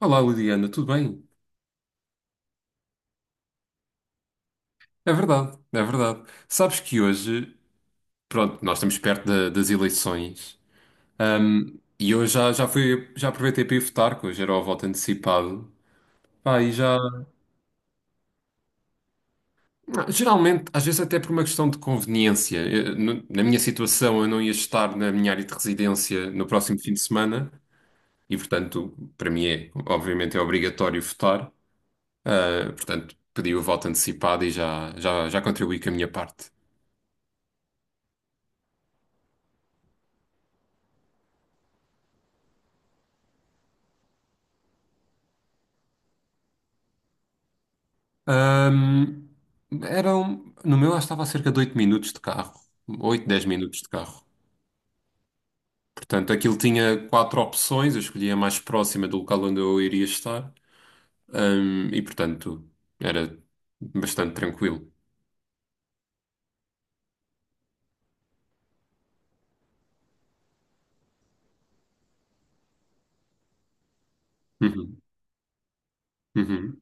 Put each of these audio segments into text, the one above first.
Olá, Liliana, tudo bem? É verdade, é verdade. Sabes que hoje, pronto, nós estamos perto das eleições, e eu já fui, já aproveitei para ir votar, que hoje era o voto antecipado. Pá, e já. Geralmente, às vezes até por uma questão de conveniência. Eu, na minha situação, eu não ia estar na minha área de residência no próximo fim de semana, e portanto, para mim é, obviamente, é obrigatório votar. Ah, portanto, pedi o voto antecipado e já contribuí com a minha parte. Ahm, Eram, no meu, acho que estava a cerca de 8 minutos de carro. Oito, dez minutos de carro. Portanto, aquilo tinha quatro opções, eu escolhi a mais próxima do local onde eu iria estar. E, portanto, era bastante tranquilo. Uhum, uhum,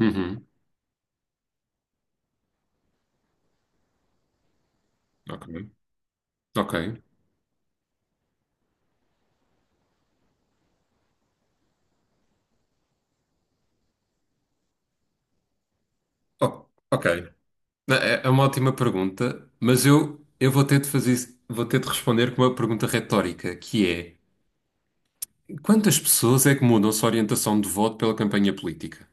uhum. Ok. Ok. Ok. É uma ótima pergunta, mas eu, vou ter de fazer, vou ter de responder com uma pergunta retórica, que é: quantas pessoas é que mudam sua orientação de voto pela campanha política?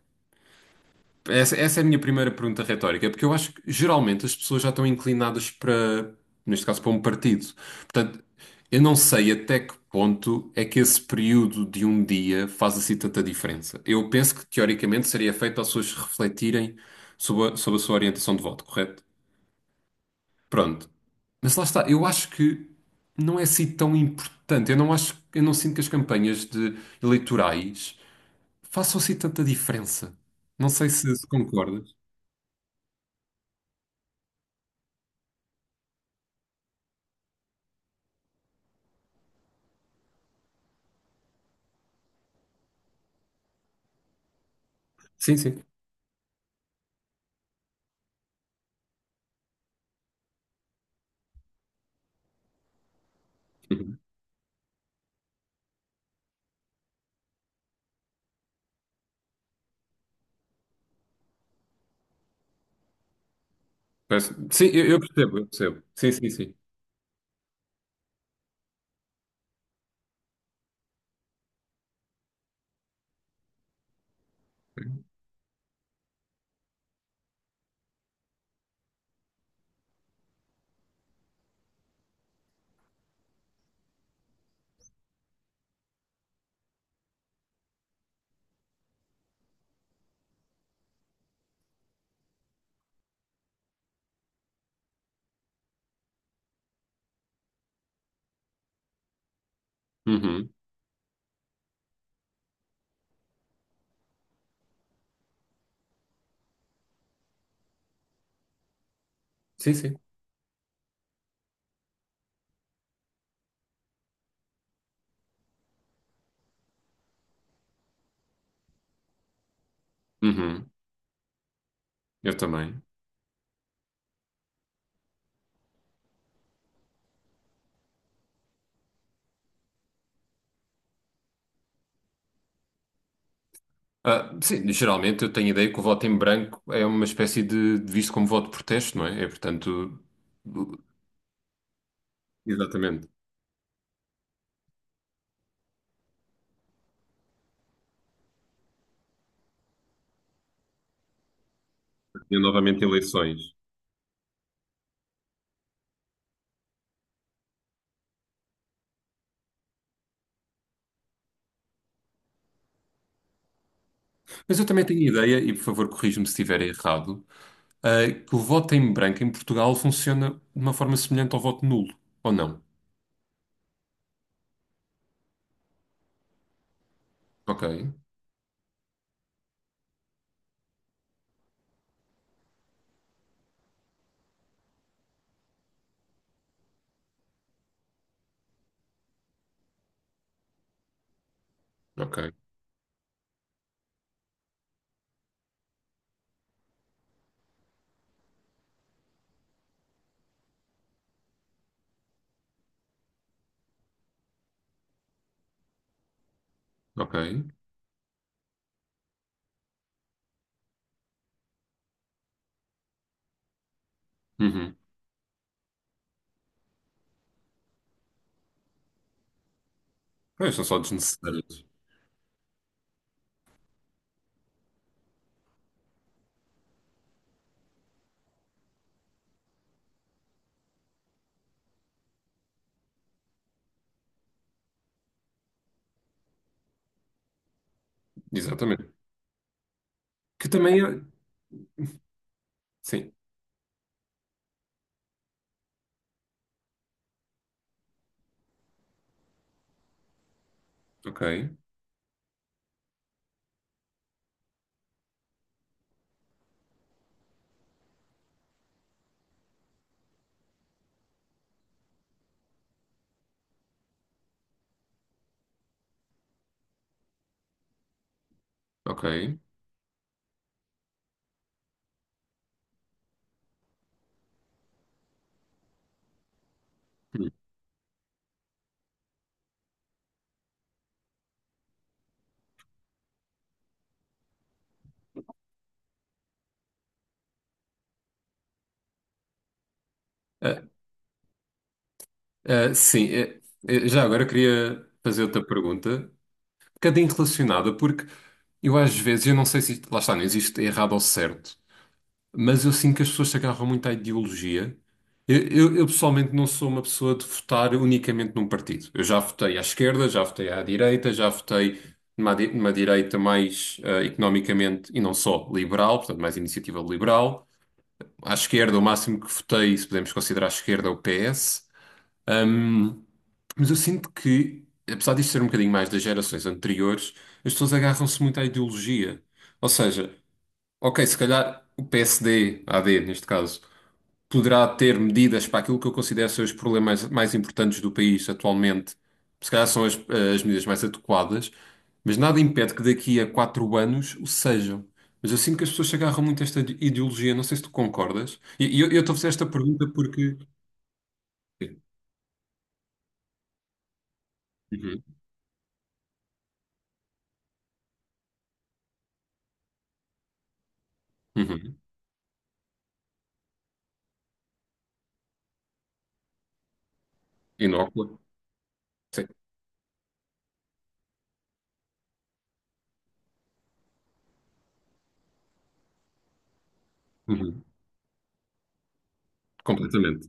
Essa é a minha primeira pergunta retórica, porque eu acho que geralmente as pessoas já estão inclinadas para, neste caso, para um partido. Portanto, eu não sei até que ponto é que esse período de um dia faz assim tanta diferença. Eu penso que, teoricamente, seria feito para as pessoas refletirem sobre a sua orientação de voto, correto? Pronto. Mas lá está, eu acho que não é assim tão importante. Eu não acho, eu não sinto que as campanhas de eleitorais façam assim tanta diferença. Não sei se concordas. Sim, sim. Uhum. Sim, eu percebo, eu percebo. Sim, sim, sim. Uhum. Sim, sim. Uhum. Eu também. Ah, sim, geralmente eu tenho a ideia que o voto em branco é uma espécie de visto como voto de protesto, não é? É, portanto, exatamente. Tinha novamente eleições. Mas eu também tenho a ideia, e por favor corrija-me se estiver errado, que o voto em branco em Portugal funciona de uma forma semelhante ao voto nulo, ou não? Ok, ok, ok. Uhum. Pois, são só desnecessários. Exatamente. Que também é. Sim. Ok, ok. Hum. Ah, ah, sim, já agora queria fazer outra pergunta, um bocadinho relacionada, porque eu às vezes, eu não sei se isto, lá está, não existe errado ou certo, mas eu sinto que as pessoas se agarram muito à ideologia. Eu, pessoalmente não sou uma pessoa de votar unicamente num partido. Eu já votei à esquerda, já votei à direita, já votei numa direita mais economicamente e não só liberal, portanto mais iniciativa liberal. À esquerda, o máximo que votei, se podemos considerar a esquerda, é o PS. Ahm, mas eu sinto que, apesar disto ser um bocadinho mais das gerações anteriores, as pessoas agarram-se muito à ideologia. Ou seja, ok, se calhar o PSD, AD neste caso, poderá ter medidas para aquilo que eu considero ser os problemas mais importantes do país atualmente. Se calhar são as medidas mais adequadas, mas nada impede que daqui a 4 anos o sejam. Mas eu sinto que as pessoas se agarram muito a esta ideologia, não sei se tu concordas. E eu, estou a fazer esta pergunta porque. Sim. Uhum, uhum. Inócula. Sim. Uhum. Completamente.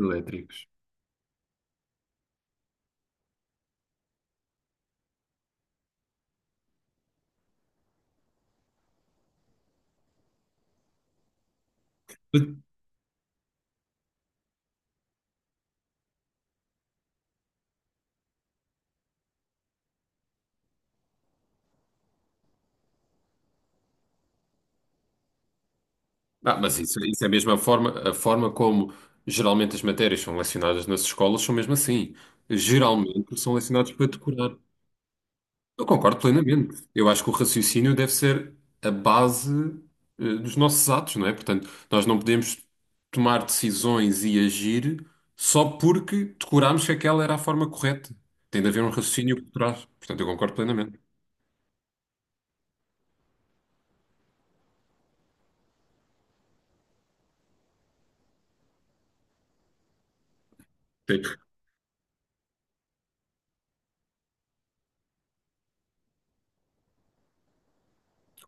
Elétricos. Ah, mas isso é a mesma forma, a forma como geralmente as matérias são lecionadas nas escolas são mesmo assim. Geralmente são lecionadas para decorar. Eu concordo plenamente. Eu acho que o raciocínio deve ser a base, dos nossos atos, não é? Portanto, nós não podemos tomar decisões e agir só porque decorámos que aquela era a forma correta. Tem de haver um raciocínio por trás. Portanto, eu concordo plenamente. Sim,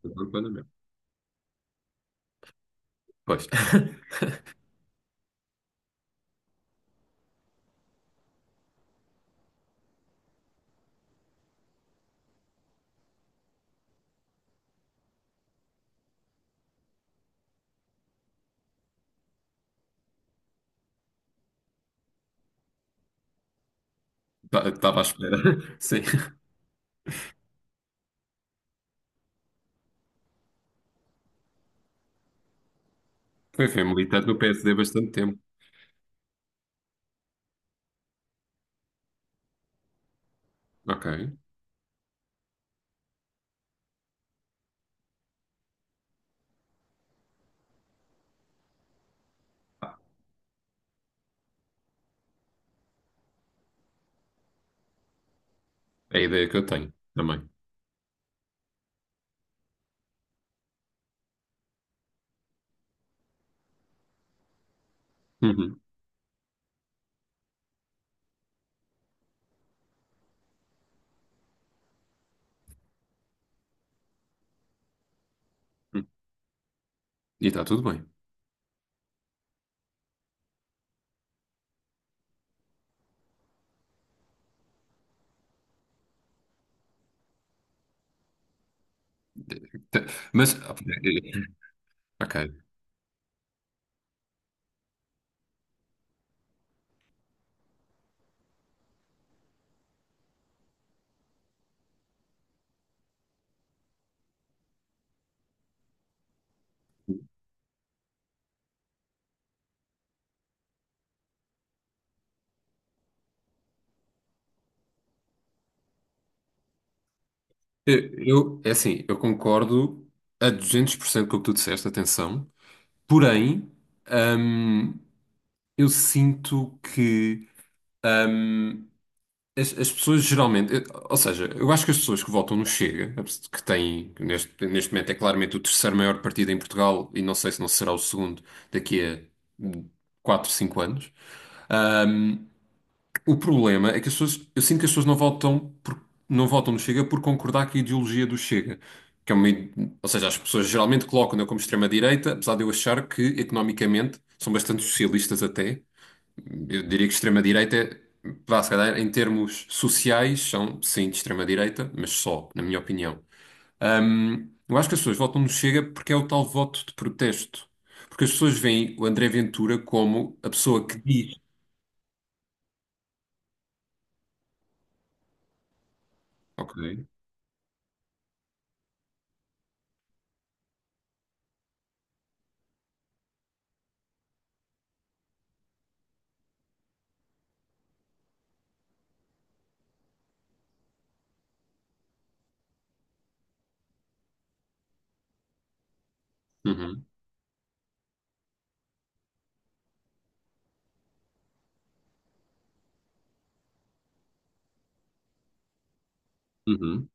concordo plenamente. Pois, estava à espera. Sim. Foi militante no PSD há bastante tempo. Ok. É a ideia que eu tenho também. Uhum. E está tudo bem. Tá- Mas, ok. É assim, eu concordo a 200% com o que tu disseste, atenção. Porém, hum, eu sinto que hum, as pessoas geralmente. Ou seja, eu acho que as pessoas que votam no Chega, que têm que neste momento é claramente o terceiro maior partido em Portugal, e não sei se não será o segundo daqui a 4 5 anos. hum, O problema é que as pessoas, eu sinto que as pessoas não votam no Chega por concordar com a ideologia do Chega. Que é uma, ide- Ou seja, as pessoas geralmente colocam-no como extrema-direita, apesar de eu achar que economicamente são bastante socialistas até. Eu diria que extrema-direita, vá, se calhar, em termos sociais, são sim de extrema-direita, mas só, na minha opinião. Eu acho que as pessoas votam no Chega porque é o tal voto de protesto. Porque as pessoas veem o André Ventura como a pessoa que diz. Ok. Uhum, uhum.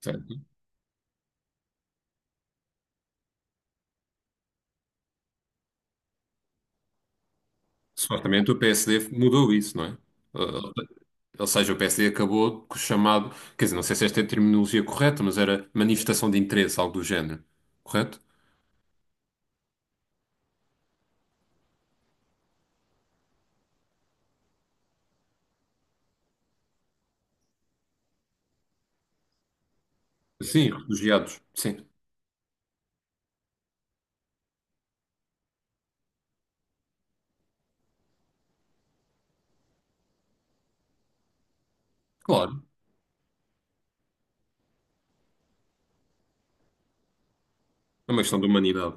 Certo. Certamente o PSD mudou isso, não é? Uh, Ou seja, o PSD acabou com o chamado, quer dizer, não sei se esta é a terminologia correta, mas era manifestação de interesse, algo do género, correto? Sim, refugiados, sim, claro, é uma questão de humanidade.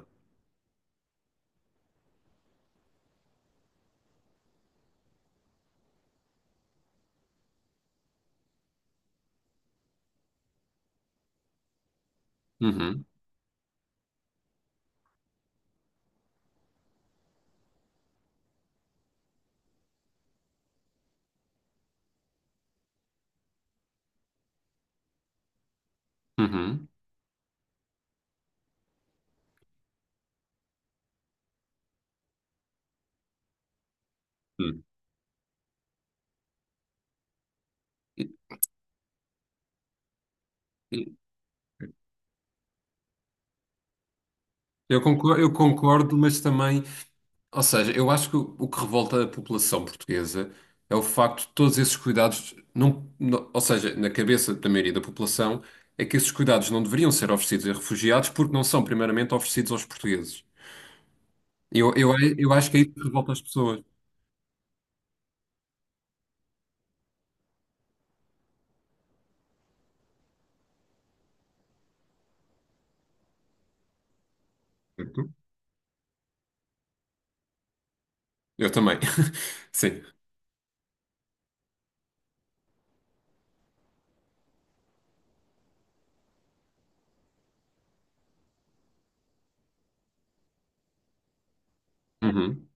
Uhum, uhum, uhum. Eu concordo, mas também ou seja, eu acho que o que revolta a população portuguesa é o facto de todos esses cuidados não, não- ou seja, na cabeça da maioria da população, é que esses cuidados não deveriam ser oferecidos a refugiados porque não são primeiramente oferecidos aos portugueses. Eu, eu, eu acho que é isso que revolta as pessoas. Certo? Eu também. Sim. Uhum.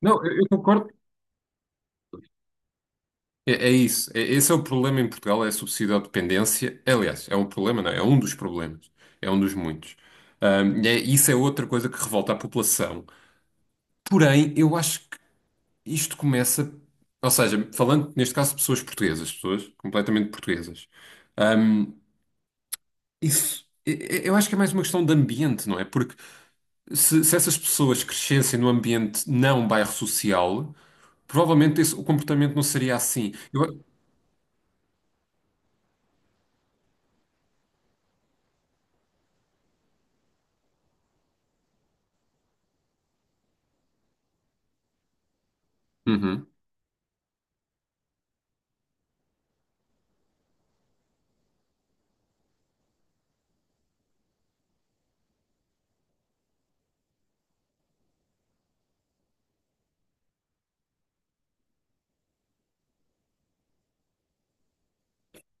Não, eu concordo. É isso. Esse é o problema em Portugal, é a subsídio-dependência. Aliás, é um problema, não é? É um dos problemas. É um dos muitos. Isso é outra coisa que revolta a população. Porém, eu acho que isto começa, ou seja, falando neste caso de pessoas portuguesas, pessoas completamente portuguesas, hum, isso, e- eu acho que é mais uma questão de ambiente, não é? Porque se essas pessoas crescessem num ambiente não bairro social, provavelmente o comportamento não seria assim. Uhum.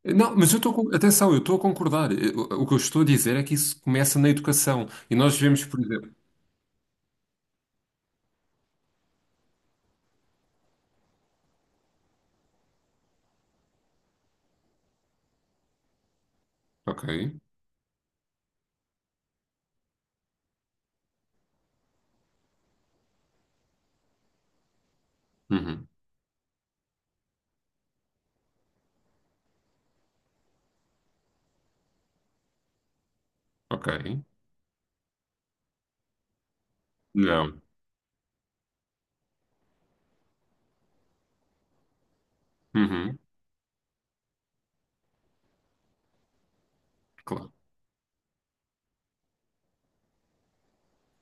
Não, mas eu estou com. Atenção, eu estou a concordar. O que eu estou a dizer é que isso começa na educação. E nós vemos, por exemplo. Ok. Uhum. Ok. Não. Uhum. Claro.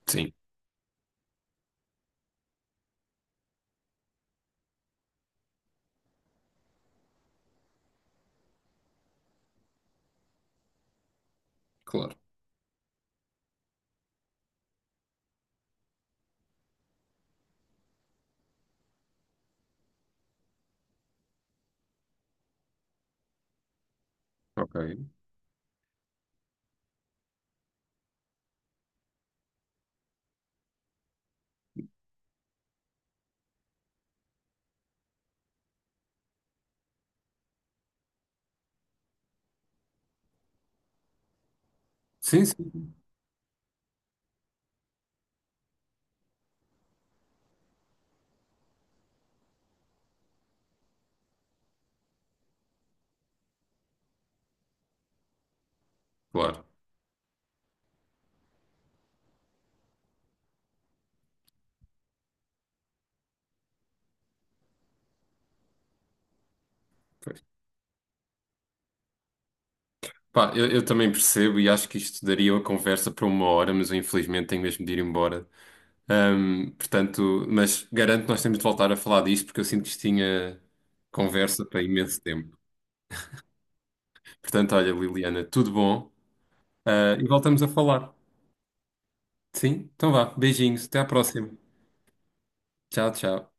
Sim. Claro. Ok. Sim, sim, claro. Pois. Pá, eu também percebo e acho que isto daria uma conversa para uma hora, mas eu infelizmente tenho mesmo de ir embora. Portanto, mas garanto que nós temos de voltar a falar disto porque eu sinto que isto tinha conversa para imenso tempo. Portanto, olha, Liliana, tudo bom? Ah, e voltamos a falar. Sim? Então vá, beijinhos, até à próxima. Tchau, tchau.